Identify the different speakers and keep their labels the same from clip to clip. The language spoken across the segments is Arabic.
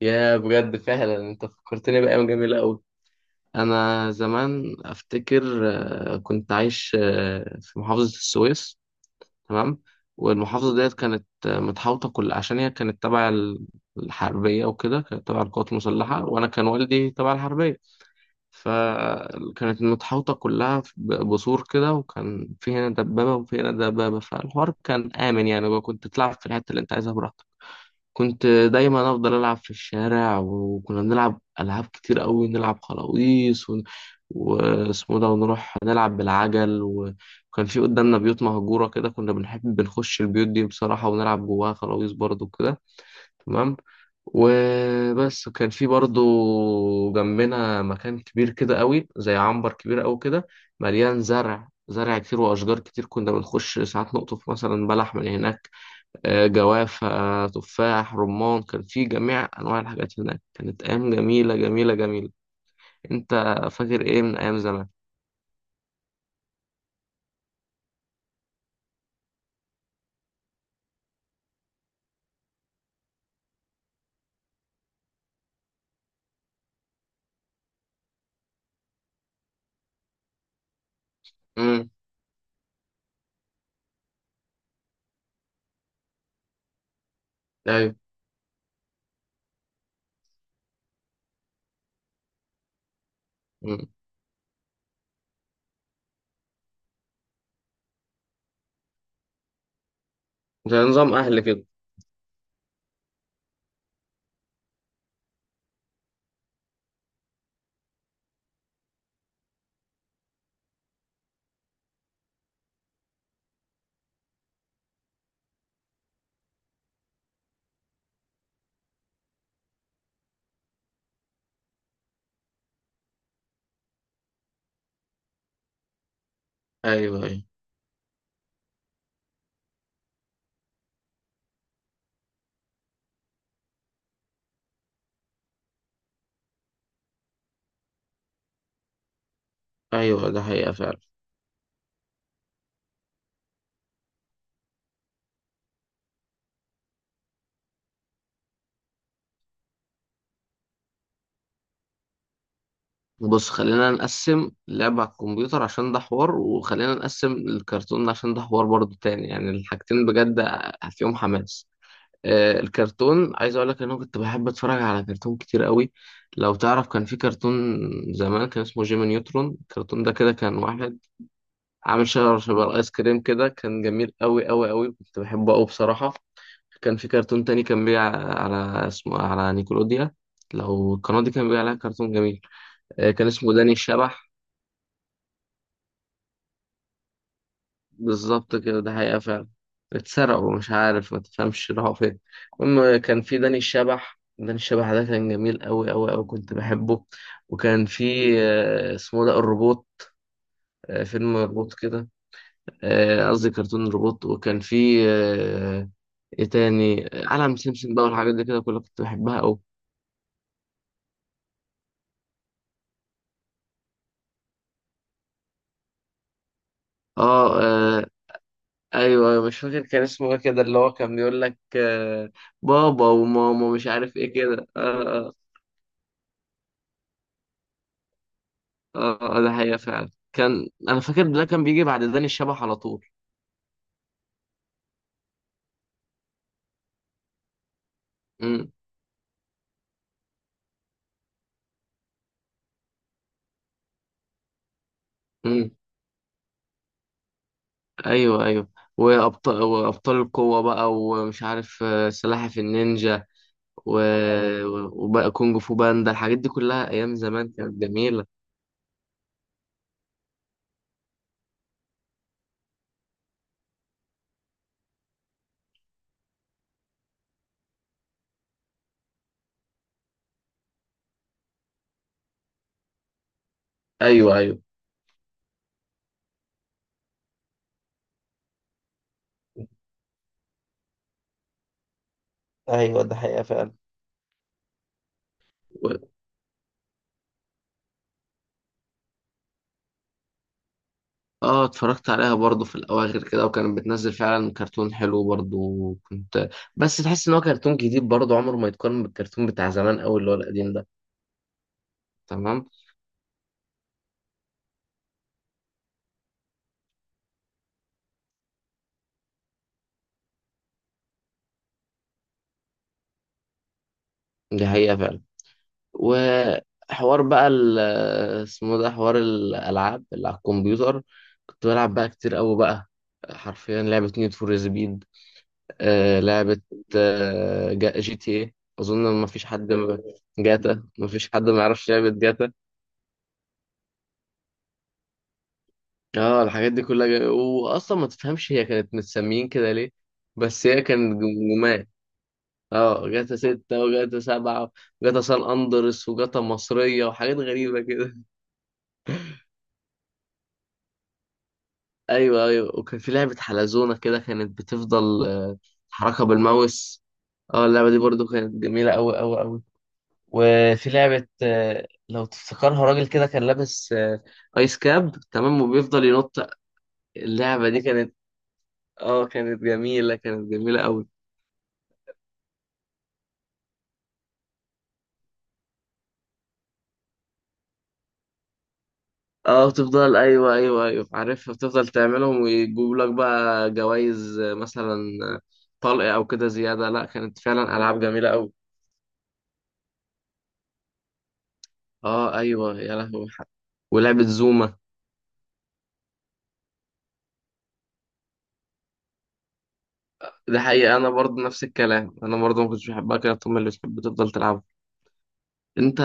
Speaker 1: يا بجد فعلا انت فكرتني بأيام جميلة أوي. أنا زمان أفتكر كنت عايش في محافظة السويس. تمام. والمحافظة ديت كانت متحوطة كل عشان هي كانت تبع الحربية وكده، كانت تبع القوات المسلحة، وأنا كان والدي تبع الحربية. فكانت متحوطة كلها بسور كده، وكان في هنا دبابة وفي هنا دبابة، فالحوار كان آمن يعني، وكنت تلعب في الحتة اللي أنت عايزها براحتك. كنت دايما افضل العب في الشارع، وكنا بنلعب العاب كتير قوي. نلعب خلاويص واسمه ده، ونروح نلعب بالعجل. وكان في قدامنا بيوت مهجوره كده، كنا بنحب بنخش البيوت دي بصراحه ونلعب جواها خلاويص برضو كده. تمام. وبس كان في برضو جنبنا مكان كبير كده قوي، زي عنبر كبير قوي كده، مليان زرع. زرع كتير واشجار كتير، كنا بنخش ساعات نقطف مثلا بلح من هناك، جوافة، تفاح، رمان. كان في جميع أنواع الحاجات هناك. كانت أيام جميلة جميلة جميلة. أنت فاكر إيه من أيام زمان؟ امم. أيوه. امم. زي نظام أهل كده. أيوه، أيوه، أيوه، ده حقيقة فعلا. بص، خلينا نقسم لعبة على الكمبيوتر عشان ده حوار، وخلينا نقسم الكرتون عشان ده حوار برضو تاني، يعني الحاجتين بجد فيهم حماس. الكرتون، عايز اقول لك ان انا كنت بحب اتفرج على كرتون كتير قوي. لو تعرف، كان في كرتون زمان كان اسمه جيمي نيوترون. الكرتون ده كده كان واحد عامل شجرة شبه الايس كريم كده، كان جميل قوي قوي قوي، كنت بحبه قوي بصراحة. كان في كرتون تاني كان بيع على، اسمه على نيكولوديا. لو القناة دي كان بيع عليها كرتون جميل، كان اسمه داني الشبح. بالظبط كده، ده حقيقة فعلا. اتسرقوا مش عارف، ما تفهمش راحوا فين. المهم، كان في داني الشبح. داني الشبح ده كان جميل أوي أوي أوي، كنت بحبه. وكان في اسمه ده الروبوت. فيلم روبوت كده. قصدي كرتون روبوت. وكان في آه، ايه تاني، عالم سمسم بقى، والحاجات دي كده كلها كنت بحبها أوي. اه، ايوه، أيوة، مش فاكر كان اسمه ايه كده، اللي هو كان بيقول لك بابا وماما، مش عارف ايه كده. اه، اه، ده حقيقة فعلا، كان انا فاكر ده كان بيجي بعد داني الشبح على طول. امم. امم. ايوه، ايوه. وابطال، وابطال القوة بقى، ومش عارف سلاحف النينجا و... وبقى كونج فو باندا. الحاجات دي كلها ايام زمان كانت جميلة. ايوه ايوه ايوه، ده حقيقة فعلا. و... اه، اتفرجت عليها برضو في الاواخر كده، وكانت بتنزل فعلا كرتون حلو برضو. وكنت، بس تحس ان هو كرتون جديد برضو، عمره ما يتقارن بالكرتون بتاع زمان قوي اللي هو القديم ده. تمام. دي حقيقة فعلا. وحوار بقى اسمه ده، حوار الألعاب اللي على الكمبيوتر. كنت بلعب بقى كتير قوي بقى. حرفيا لعبة نيد فور سبيد. آه، لعبة جي تي ايه أظن، ما فيش حد ما، جاتا، ما فيش حد ما يعرفش لعبة جاتا. اه الحاجات دي كلها جا... وأصلا ما تفهمش هي كانت متسميين كده ليه، بس هي كانت جمجمات. اه جاتا ستة وجاتا سبعة وجاتا سان أندرس وجاتا مصرية وحاجات غريبة كده. ايوه ايوه. وكان في لعبه حلزونه كده، كانت بتفضل تحركها بالماوس. اه اللعبه دي برضو كانت جميله قوي قوي قوي. وفي لعبه لو تفتكرها، راجل كده كان لابس ايس كاب، تمام، وبيفضل ينط. اللعبه دي كانت، اه، كانت جميله، كانت جميله قوي. اه بتفضل، ايوه ايوه ايوه عارفها، بتفضل تعملهم ويجيب لك بقى جوائز، مثلا آه، طلق او كده زياده. لا، كانت فعلا العاب جميله قوي. اه ايوه يا لهوي، ولعبه زوما. ده حقيقة، أنا برضه نفس الكلام، أنا برضه ما كنتش بحبها كده، طول ما اللي بتحب تفضل تلعبها. أنت،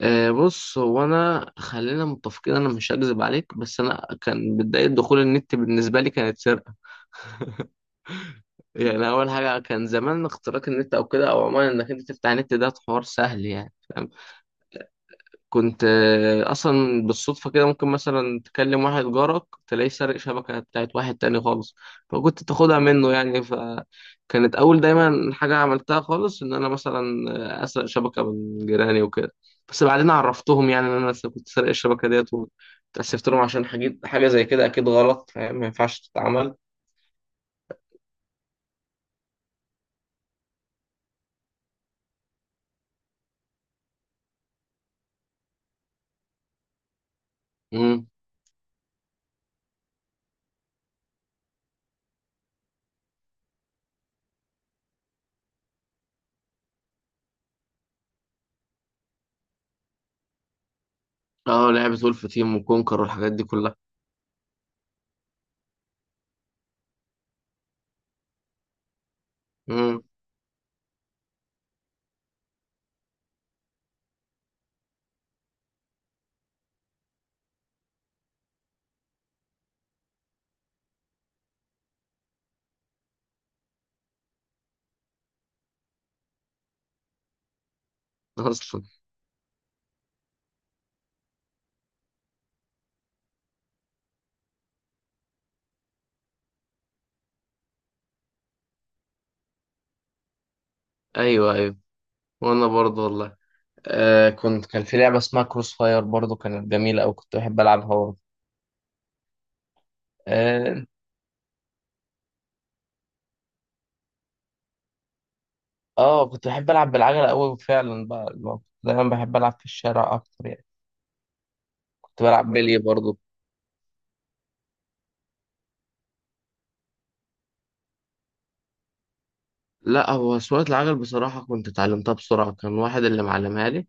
Speaker 1: آه بص، هو أنا خلينا متفقين، أنا مش هكذب عليك، بس أنا كان بداية دخول النت بالنسبة لي كانت سرقة. يعني أول حاجة كان زمان اختراق النت أو كده، أو عموما إنك أنت تفتح النت ده حوار سهل يعني. كنت اصلا بالصدفه كده، ممكن مثلا تكلم واحد جارك تلاقيه سارق شبكه بتاعت واحد تاني خالص، فكنت تاخدها منه يعني. فكانت اول دايما حاجه عملتها خالص ان انا مثلا اسرق شبكه من جيراني وكده. بس بعدين عرفتهم يعني ان انا كنت سارق الشبكه ديت، واتأسفت لهم عشان حاجه، حاجه زي كده اكيد غلط فاهم، ما ينفعش تتعمل. امم. اه، لعبه ولف تيم وكونكر والحاجات دي كلها. امم. اصلا. ايوه ايوه. وانا برضه والله، آه كنت، كان في لعبة اسمها كروس فاير برضو، كانت جميلة أوي، كنت بحب ألعبها برضو. آه, آه كنت بحب ألعب بالعجلة أوي فعلا بقى، اللي هو كنت دايما بحب ألعب في الشارع أكتر يعني. كنت بلعب بلي برضو. لا، هو سواقة العجل بصراحة كنت اتعلمتها بسرعة، كان واحد اللي معلمها لي.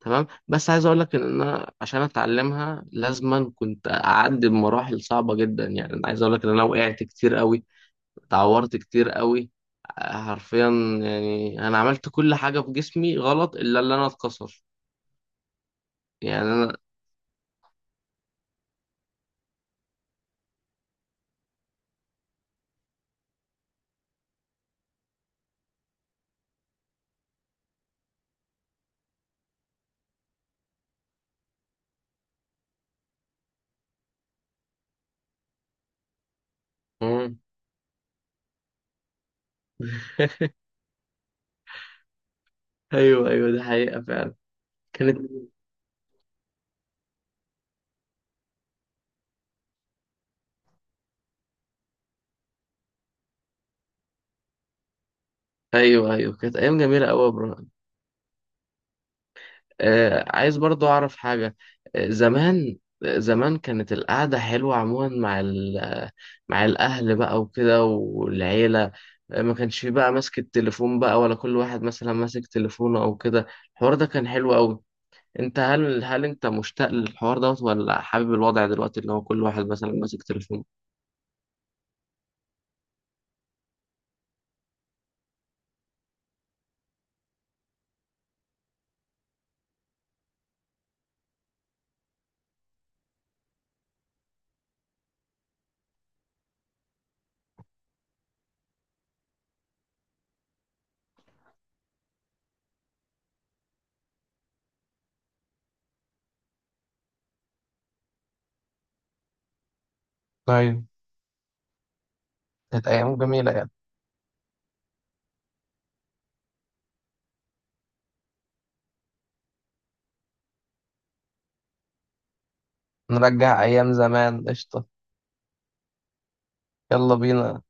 Speaker 1: تمام. بس عايز أقول لك إن أنا عشان أتعلمها لازما كنت أعدي بمراحل صعبة جدا. يعني أنا عايز أقول لك إن أنا وقعت كتير أوي، اتعورت كتير قوي، حرفيا. يعني انا عملت كل حاجة في جسمي غلط الا اللي انا اتكسر. يعني انا، مم. ايوه ايوه، دي حقيقة فعلا. كانت، ايوه ايوه، كانت ايام جميلة قوي يا ابراهيم. آه عايز برضو اعرف حاجة. آه زمان، زمان كانت القعدة حلوة عموما مع مع الاهل بقى وكده والعيلة، ما كانش فيه بقى ماسك التليفون بقى، ولا كل واحد مثلا ماسك تليفونه او كده. الحوار ده كان حلو قوي. انت، هل انت مشتاق للحوار دوت، ولا حابب الوضع دلوقتي اللي هو كل واحد مثلا ماسك تليفونه؟ طيب، كانت أيام جميلة يعني. نرجع أيام زمان قشطة. يلا بينا.